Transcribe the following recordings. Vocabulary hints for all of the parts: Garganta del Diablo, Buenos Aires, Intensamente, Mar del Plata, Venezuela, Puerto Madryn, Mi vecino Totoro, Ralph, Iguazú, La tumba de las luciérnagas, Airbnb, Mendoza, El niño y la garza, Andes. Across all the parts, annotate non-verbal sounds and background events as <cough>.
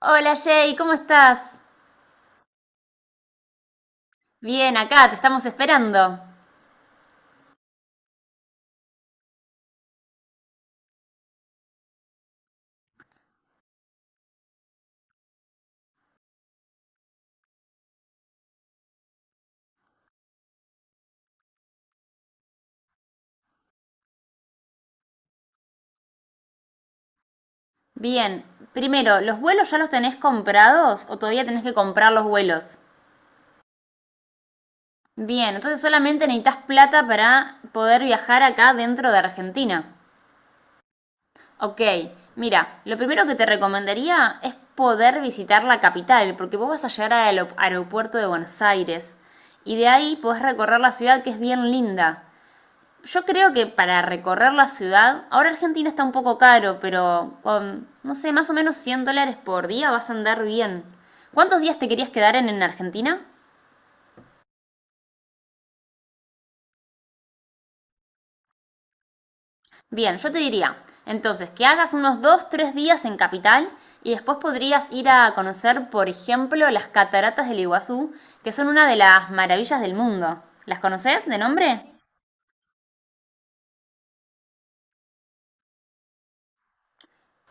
Hola Jay, ¿cómo estás? Bien, acá, te estamos esperando. Bien, primero, ¿los vuelos ya los tenés comprados o todavía tenés que comprar los vuelos? Bien, entonces solamente necesitas plata para poder viajar acá dentro de Argentina. Ok, mira, lo primero que te recomendaría es poder visitar la capital, porque vos vas a llegar al aeropuerto de Buenos Aires y de ahí podés recorrer la ciudad que es bien linda. Yo creo que para recorrer la ciudad, ahora Argentina está un poco caro, pero con, no sé, más o menos 100 dólares por día vas a andar bien. ¿Cuántos días te querías quedar en Argentina? Bien, yo te diría, entonces, que hagas unos dos tres días en Capital y después podrías ir a conocer, por ejemplo, las cataratas del Iguazú, que son una de las maravillas del mundo. ¿Las conoces de nombre?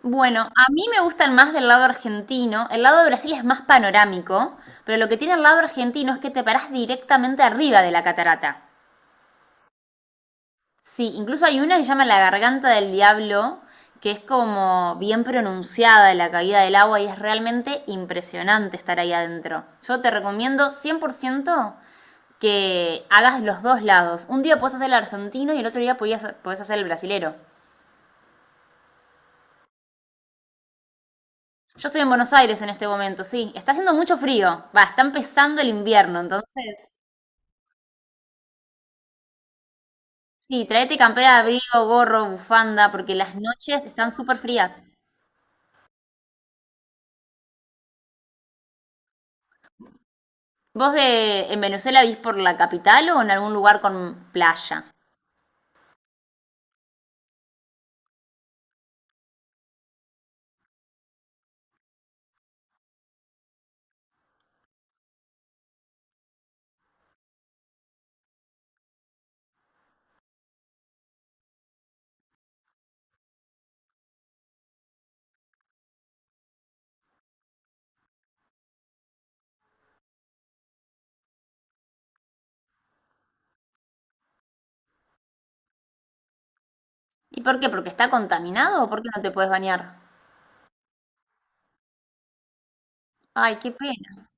Bueno, a mí me gustan más del lado argentino. El lado de Brasil es más panorámico, pero lo que tiene el lado argentino es que te parás directamente arriba de la catarata. Sí, incluso hay una que se llama la Garganta del Diablo, que es como bien pronunciada de la caída del agua y es realmente impresionante estar ahí adentro. Yo te recomiendo 100% que hagas los dos lados. Un día puedes hacer el argentino y el otro día podés hacer el brasilero. Yo estoy en Buenos Aires en este momento, sí. Está haciendo mucho frío. Va, está empezando el invierno, entonces. Sí, traete campera, de abrigo, gorro, bufanda, porque las noches están súper frías. ¿Vos en Venezuela vivís por la capital o en algún lugar con playa? ¿Y por qué? ¿Porque está contaminado o por qué no te puedes bañar? Ay, qué pena.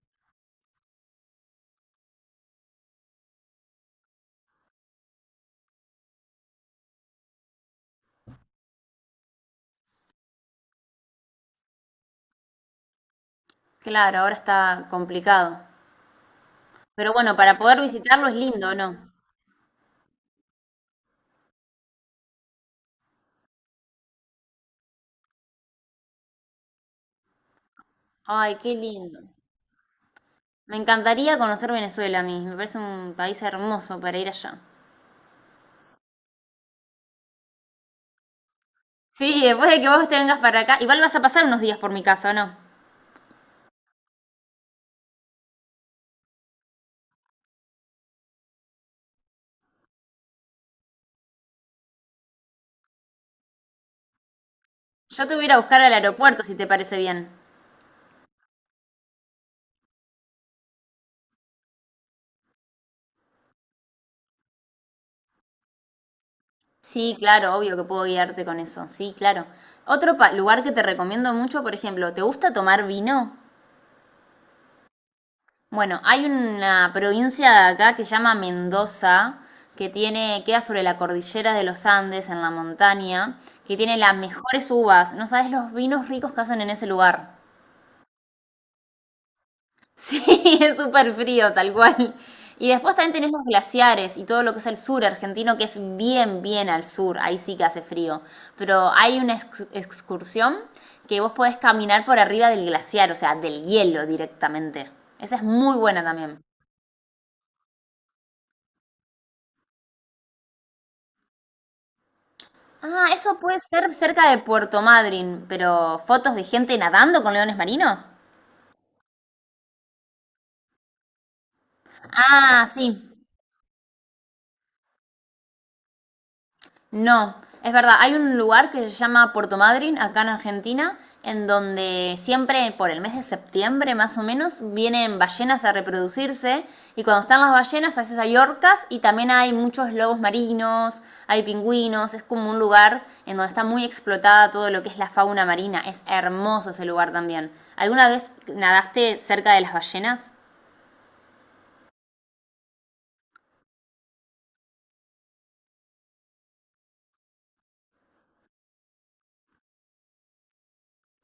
Claro, ahora está complicado. Pero bueno, para poder visitarlo es lindo, ¿no? Ay, qué lindo. Me encantaría conocer Venezuela a mí. Me parece un país hermoso para ir allá. Sí, después de que vos te vengas para acá, igual vas a pasar unos días por mi casa, ¿o no? Yo te voy a ir a buscar al aeropuerto, si te parece bien. Sí, claro, obvio que puedo guiarte con eso. Sí, claro. Otro lugar que te recomiendo mucho, por ejemplo, ¿te gusta tomar vino? Bueno, hay una provincia de acá que se llama Mendoza, que tiene, queda sobre la cordillera de los Andes, en la montaña, que tiene las mejores uvas. No sabes los vinos ricos que hacen en ese lugar. Sí, <laughs> es súper frío, tal cual. Y después también tenés los glaciares y todo lo que es el sur argentino, que es bien, bien al sur, ahí sí que hace frío. Pero hay una excursión que vos podés caminar por arriba del glaciar, o sea, del hielo directamente. Esa es muy buena también. Ah, eso puede ser cerca de Puerto Madryn, pero fotos de gente nadando con leones marinos. Ah, sí. No, es verdad, hay un lugar que se llama Puerto Madryn, acá en Argentina, en donde siempre por el mes de septiembre más o menos vienen ballenas a reproducirse y cuando están las ballenas a veces hay orcas y también hay muchos lobos marinos, hay pingüinos, es como un lugar en donde está muy explotada todo lo que es la fauna marina, es hermoso ese lugar también. ¿Alguna vez nadaste cerca de las ballenas?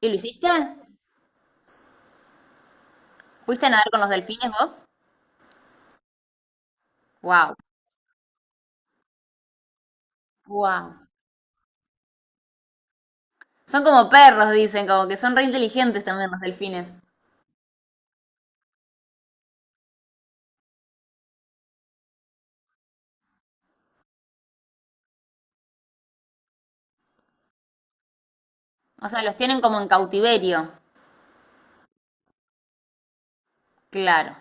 ¿Y lo hiciste? ¿Fuiste a nadar con los delfines vos? Wow, wow. Son como perros, dicen, como que son re inteligentes también los delfines. O sea, los tienen como en cautiverio. Claro,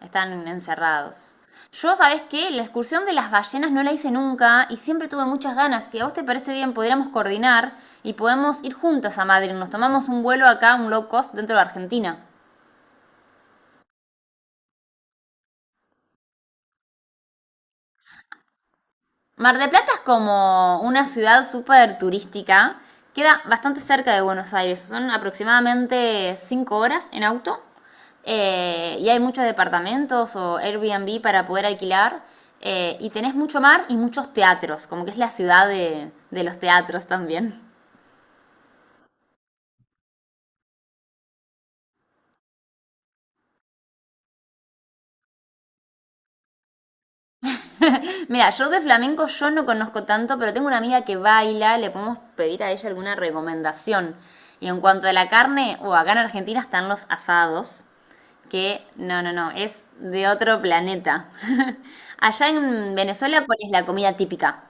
están encerrados. Yo, ¿sabés qué? La excursión de las ballenas no la hice nunca y siempre tuve muchas ganas. Si a vos te parece bien, podríamos coordinar y podemos ir juntas a Madrid. Nos tomamos un vuelo acá, un low cost, dentro de Argentina. Mar del Plata es como una ciudad súper turística. Queda bastante cerca de Buenos Aires. Son aproximadamente 5 horas en auto. Y hay muchos departamentos o Airbnb para poder alquilar. Eh, y tenés mucho mar y muchos teatros, como que es la ciudad de los teatros también. <laughs> Mira, yo de flamenco yo no conozco tanto, pero tengo una amiga que baila, le podemos pedir a ella alguna recomendación. Y en cuanto a la carne, o acá en Argentina están los asados, que no, no, no, es de otro planeta. <laughs> Allá en Venezuela, ¿cuál es la comida típica?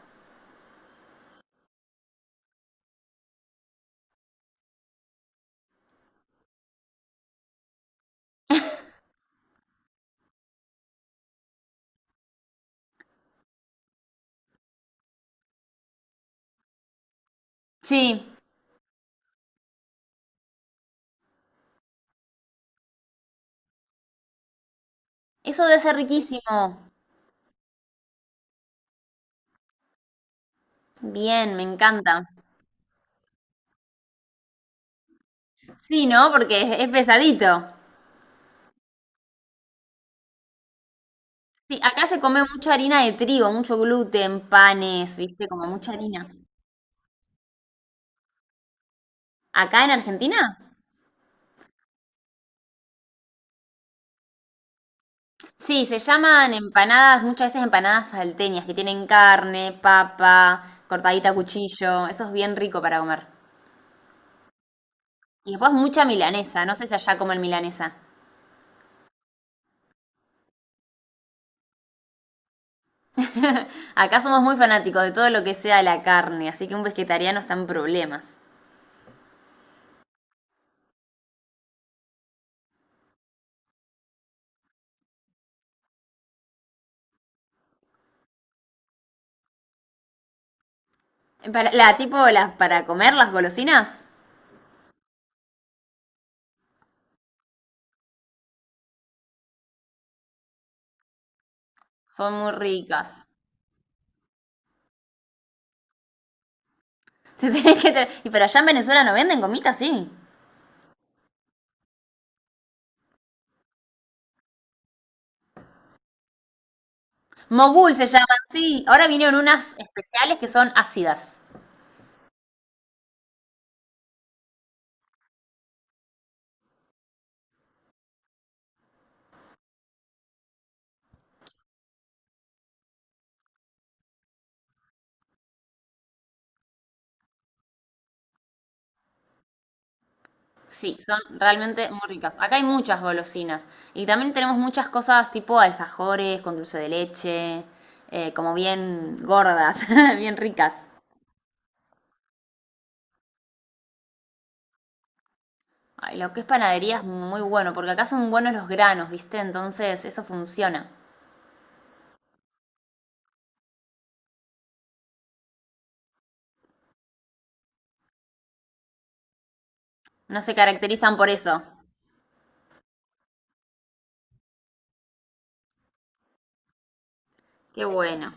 Sí, eso debe ser riquísimo. Bien, me encanta. Sí, ¿no? Porque es pesadito. Sí, acá se come mucha harina de trigo, mucho gluten, panes, ¿viste? Como mucha harina. ¿Acá en Argentina? Sí, se llaman empanadas, muchas veces empanadas salteñas, que tienen carne, papa, cortadita a cuchillo. Eso es bien rico para comer. Y después mucha milanesa, no sé si allá comen milanesa. <laughs> Acá somos muy fanáticos de todo lo que sea la carne, así que un vegetariano está en problemas. Para, la, tipo, las, para comer las golosinas son muy ricas. <laughs> Te tenés que y para allá en Venezuela no venden gomitas, sí. Mogul se llaman, sí. Ahora vinieron unas especiales que son ácidas. Sí, son realmente muy ricas. Acá hay muchas golosinas. Y también tenemos muchas cosas tipo alfajores con dulce de leche, como bien gordas, <laughs> bien ricas. Ay, lo que es panadería es muy bueno, porque acá son buenos los granos, ¿viste? Entonces eso funciona. No se caracterizan por eso. Qué bueno.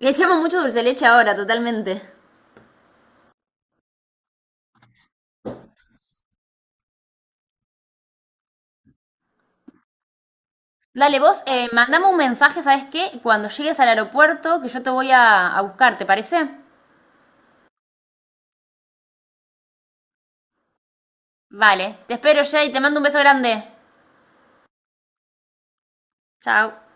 Le echamos mucho dulce de leche ahora, totalmente. Dale, vos, mandame un mensaje, ¿sabes qué? Cuando llegues al aeropuerto, que yo te voy a buscar, ¿te parece? Vale, te espero ya y te mando un beso grande. Chao.